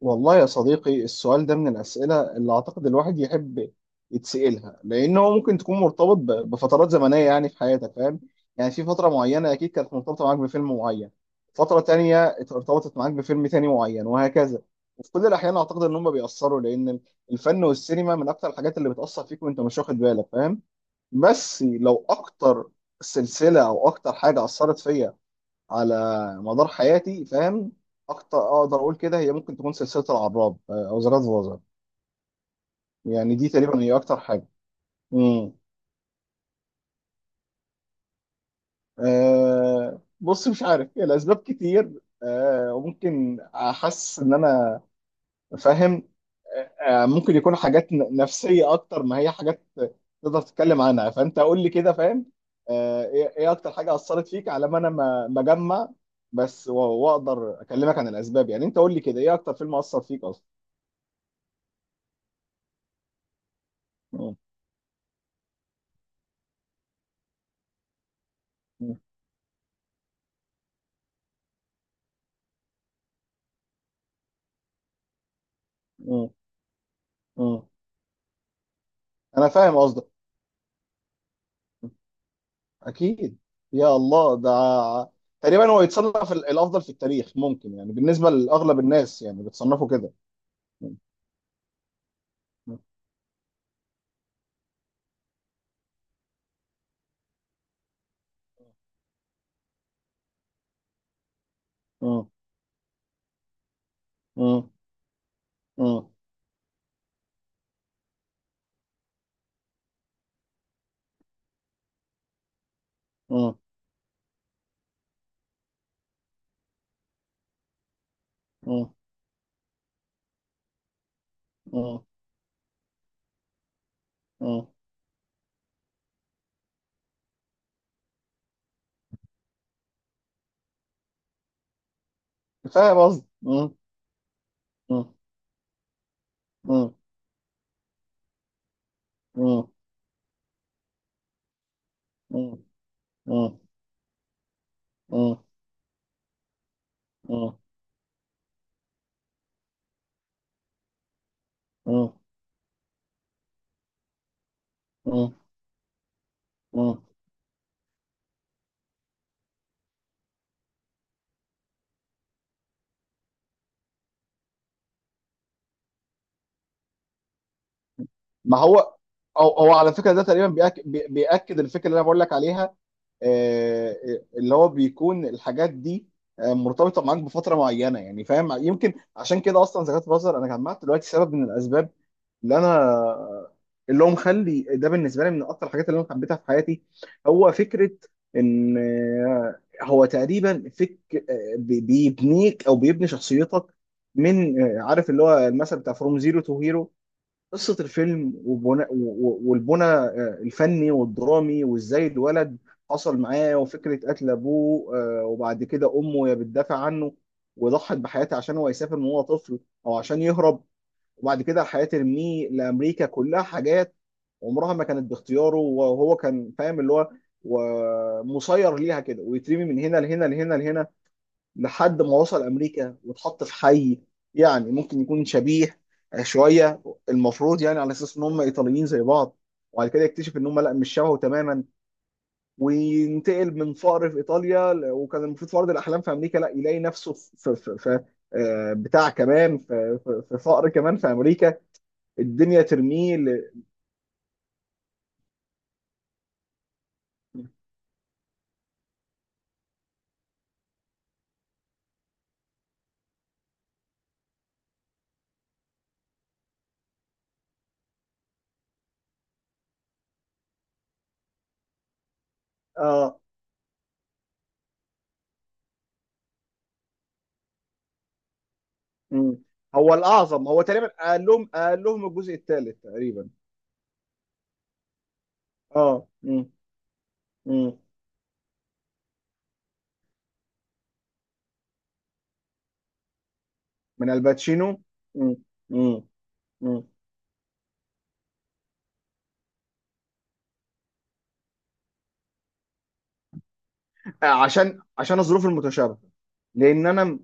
والله يا صديقي، السؤال ده من الأسئلة اللي أعتقد الواحد يحب يتسألها، لأن هو ممكن تكون مرتبط بفترات زمنية يعني في حياتك، فاهم يعني؟ في فترة معينة أكيد كانت مرتبطة معاك بفيلم معين، فترة تانية ارتبطت معاك بفيلم تاني معين، وهكذا. وفي كل الأحيان أعتقد إن هم بيأثروا، لأن الفن والسينما من أكتر الحاجات اللي بتأثر فيك وأنت مش واخد بالك، فاهم؟ بس لو أكتر سلسلة أو أكتر حاجة أثرت فيا على مدار حياتي، فاهم؟ اكتر اقدر اقول كده، هي ممكن تكون سلسله العراب او زراد فازر. يعني دي تقريبا هي اكتر حاجه. امم. بص، مش عارف، هي الاسباب كتير. وممكن احس ان انا فاهم. أه ممكن يكون حاجات نفسيه اكتر ما هي حاجات تقدر تتكلم عنها، فانت قول لي كده فاهم. ايه، إيه اكتر حاجه اثرت فيك على ما انا ما اجمع بس واقدر اكلمك عن الاسباب؟ يعني انت قول لي كده، ايه اكتر فيلم اثر فيك اصلا؟ مم. مم. مم. انا فاهم قصدك. اكيد، يا الله ده تقريبا هو يتصنف الافضل في التاريخ ممكن، يعني بالنسبه لاغلب الناس يعني بتصنفه كده. مم. مم. مم. مم. مم. مم. مم. مم. فاهم قصدي. مم. مم. مم. مم. مم. مم. مم. مم. مم. ما هو، او هو على فكره ده تقريبا بيأكد الفكره اللي انا بقول لك عليها. آه، اللي هو بيكون الحاجات دي مرتبطه معاك بفتره معينه، يعني فاهم، يمكن عشان كده اصلا زكاة الفطر انا جمعت دلوقتي سبب من الاسباب اللي انا اللي هو مخلي ده بالنسبه لي من اكتر الحاجات اللي انا حبيتها في حياتي. هو فكره ان هو تقريبا بيبنيك او بيبني شخصيتك، من عارف اللي هو المثل بتاع فروم زيرو تو هيرو. قصة الفيلم وبناء والبنى الفني والدرامي، وازاي الولد حصل معاه وفكرة قتل أبوه، وبعد كده أمه هي بتدافع عنه وضحت بحياتها عشان هو يسافر من وهو طفل، أو عشان يهرب، وبعد كده الحياة ترميه لأمريكا. كلها حاجات عمرها ما كانت باختياره، وهو كان فاهم اللي هو ومسير ليها كده، ويترمي من هنا لهنا لهنا لهنا لحد ما وصل امريكا واتحط في حي يعني ممكن يكون شبيه شويه المفروض، يعني على اساس ان هم ايطاليين زي بعض، وبعد كده يكتشف ان هم لا مش شبهه تماما. وينتقل من فقر في ايطاليا وكان المفروض في ارض الاحلام في امريكا لا يلاقي نفسه في بتاع، كمان في في فقر كمان في امريكا، الدنيا ترميه اه. مم. هو الاعظم، هو تقريبا قال لهم الجزء الثالث تقريبا. اه. مم. مم. من الباتشينو. مم. مم. مم. عشان الظروف المتشابهه، لان انا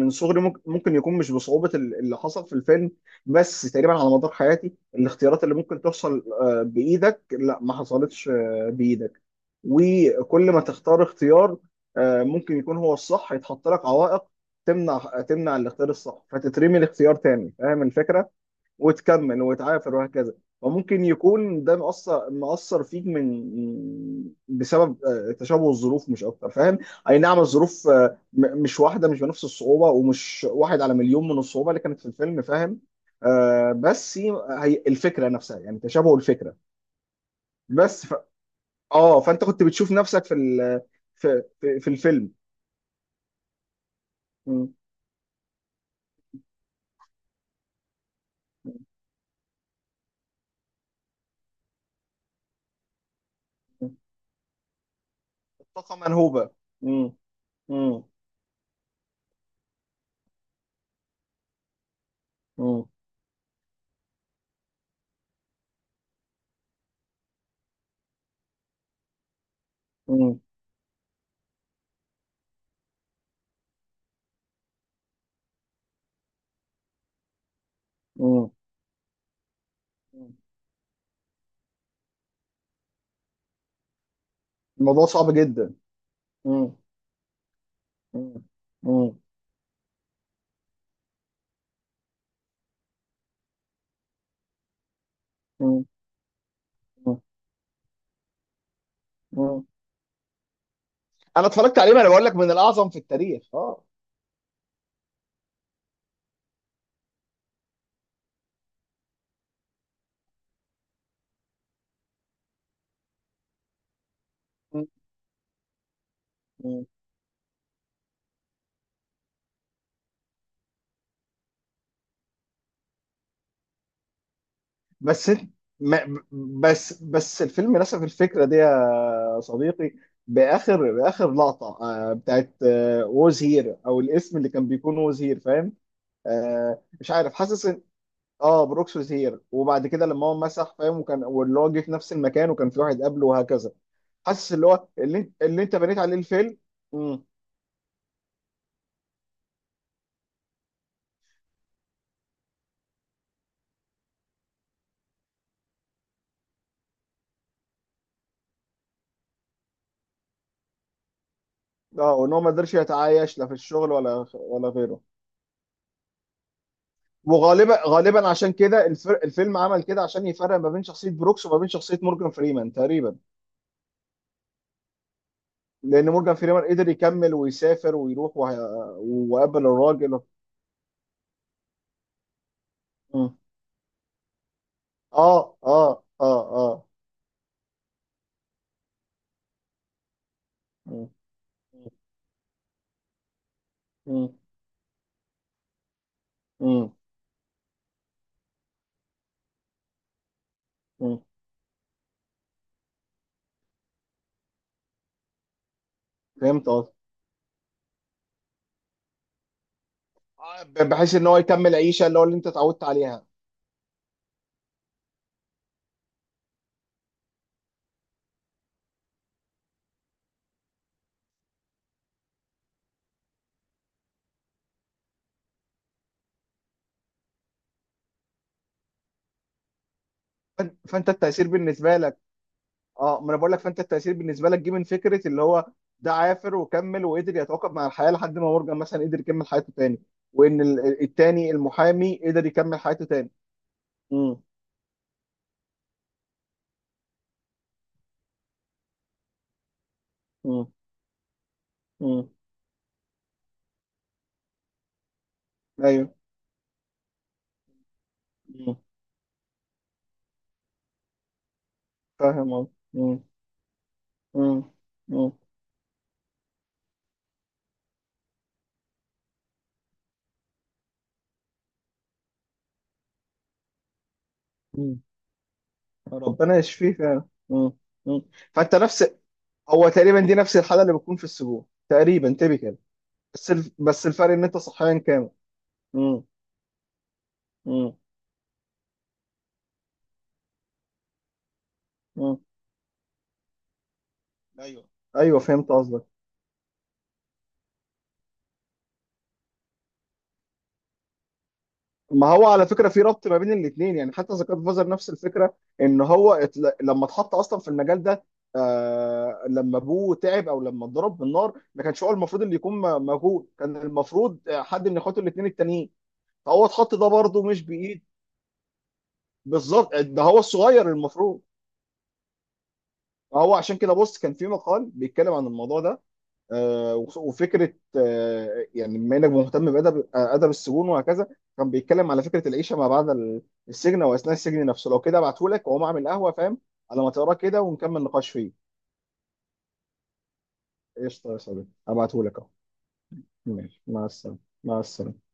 من صغري، ممكن يكون مش بصعوبه اللي حصل في الفيلم، بس تقريبا على مدار حياتي الاختيارات اللي ممكن تحصل بايدك لا ما حصلتش بايدك. وكل ما تختار اختيار ممكن يكون هو الصح يتحط لك عوائق تمنع الاختيار الصح، فتترمي الاختيار تاني، فاهم الفكره؟ وتكمل وتعافر وهكذا. وممكن يكون ده مأثر فيك من بسبب تشابه الظروف مش أكتر، فاهم؟ أي نعم، الظروف مش واحدة، مش بنفس الصعوبة ومش واحد على مليون من الصعوبة اللي كانت في الفيلم، فاهم؟ بس هي، الفكرة نفسها، يعني تشابه الفكرة. بس ف... اه، فأنت كنت بتشوف نفسك في في الفيلم. م- م- م. الطاقة منهوبة. م- م- م- م- م- م. الموضوع صعب جدا. مم. مم. مم. مم. مم. انا اتفرجت عليه، ما انا بقول لك من الاعظم في التاريخ. اه. مم. مم. بس إنت- ما بس الفيلم نسف الفكره دي يا صديقي. باخر لقطه بتاعت ووز هير، او الاسم اللي كان بيكون ووز هير، فاهم؟ مش عارف، حاسس ان اه بروكس ووز هير، وبعد كده لما هو مسح فاهم، وكان، واللي هو جه في نفس المكان وكان في واحد قبله وهكذا. حاسس اللي هو اللي انت بنيت عليه الفيلم. اه، وان هو ما قدرش يتعايش لا في الشغل ولا غيره. وغالبا غالبا عشان كده الفيلم عمل كده عشان يفرق ما بين شخصيه بروكس وما بين شخصيه مورجان فريمان تقريبا. لان مورجان فريمان قدر يكمل ويسافر ويروح وقابل الراجل مم. اه اه اه اه. مم. مم. مم. مم. فهمت قصدي. بحيث ان هو يكمل عيشه اللي هو اللي انت اتعودت عليها. فانت التاثير بالنسبه لك. اه، ما انا بقول لك، فانت التاثير بالنسبه لك جه من فكره اللي هو ده عافر وكمل وقدر يتعاقب مع الحياه لحد ما مورجان مثلا قدر يكمل حياته تاني، وان التاني المحامي قدر يكمل حياته تاني. امم. امم. امم. ايوه. امم. فاهم اه. امم. امم. امم. مم. يا رب ربنا يشفيه فعلا. امم. امم. فانت نفس، هو تقريبا دي نفس الحاله اللي بتكون في السجون تقريبا تبقى. بس الفرق ان انت صحيا كامل. امم. امم. امم. ايوه. ايوه، فهمت قصدك. ما هو على فكره في ربط ما بين الاثنين، يعني حتى زكاة فازر نفس الفكره، ان هو لما اتحط اصلا في المجال ده، لما ابوه تعب او لما اتضرب بالنار، ما كانش هو المفروض اللي يكون موجود، كان المفروض حد من اخواته الاثنين التانيين، فهو اتحط ده برضه مش بايد. بالظبط ده هو الصغير المفروض. فهو عشان كده بص، كان في مقال بيتكلم عن الموضوع ده، وفكره، يعني بما انك مهتم بادب ادب السجون وهكذا، كان بيتكلم على فكره العيشه ما بعد السجن واثناء السجن نفسه. لو كده ابعته لك واقوم اعمل قهوه، فاهم، على ما تقراه كده ونكمل نقاش فيه. قشطه يا صديقي، ابعته لك اهو. ماشي، مع السلامه. مع السلامه.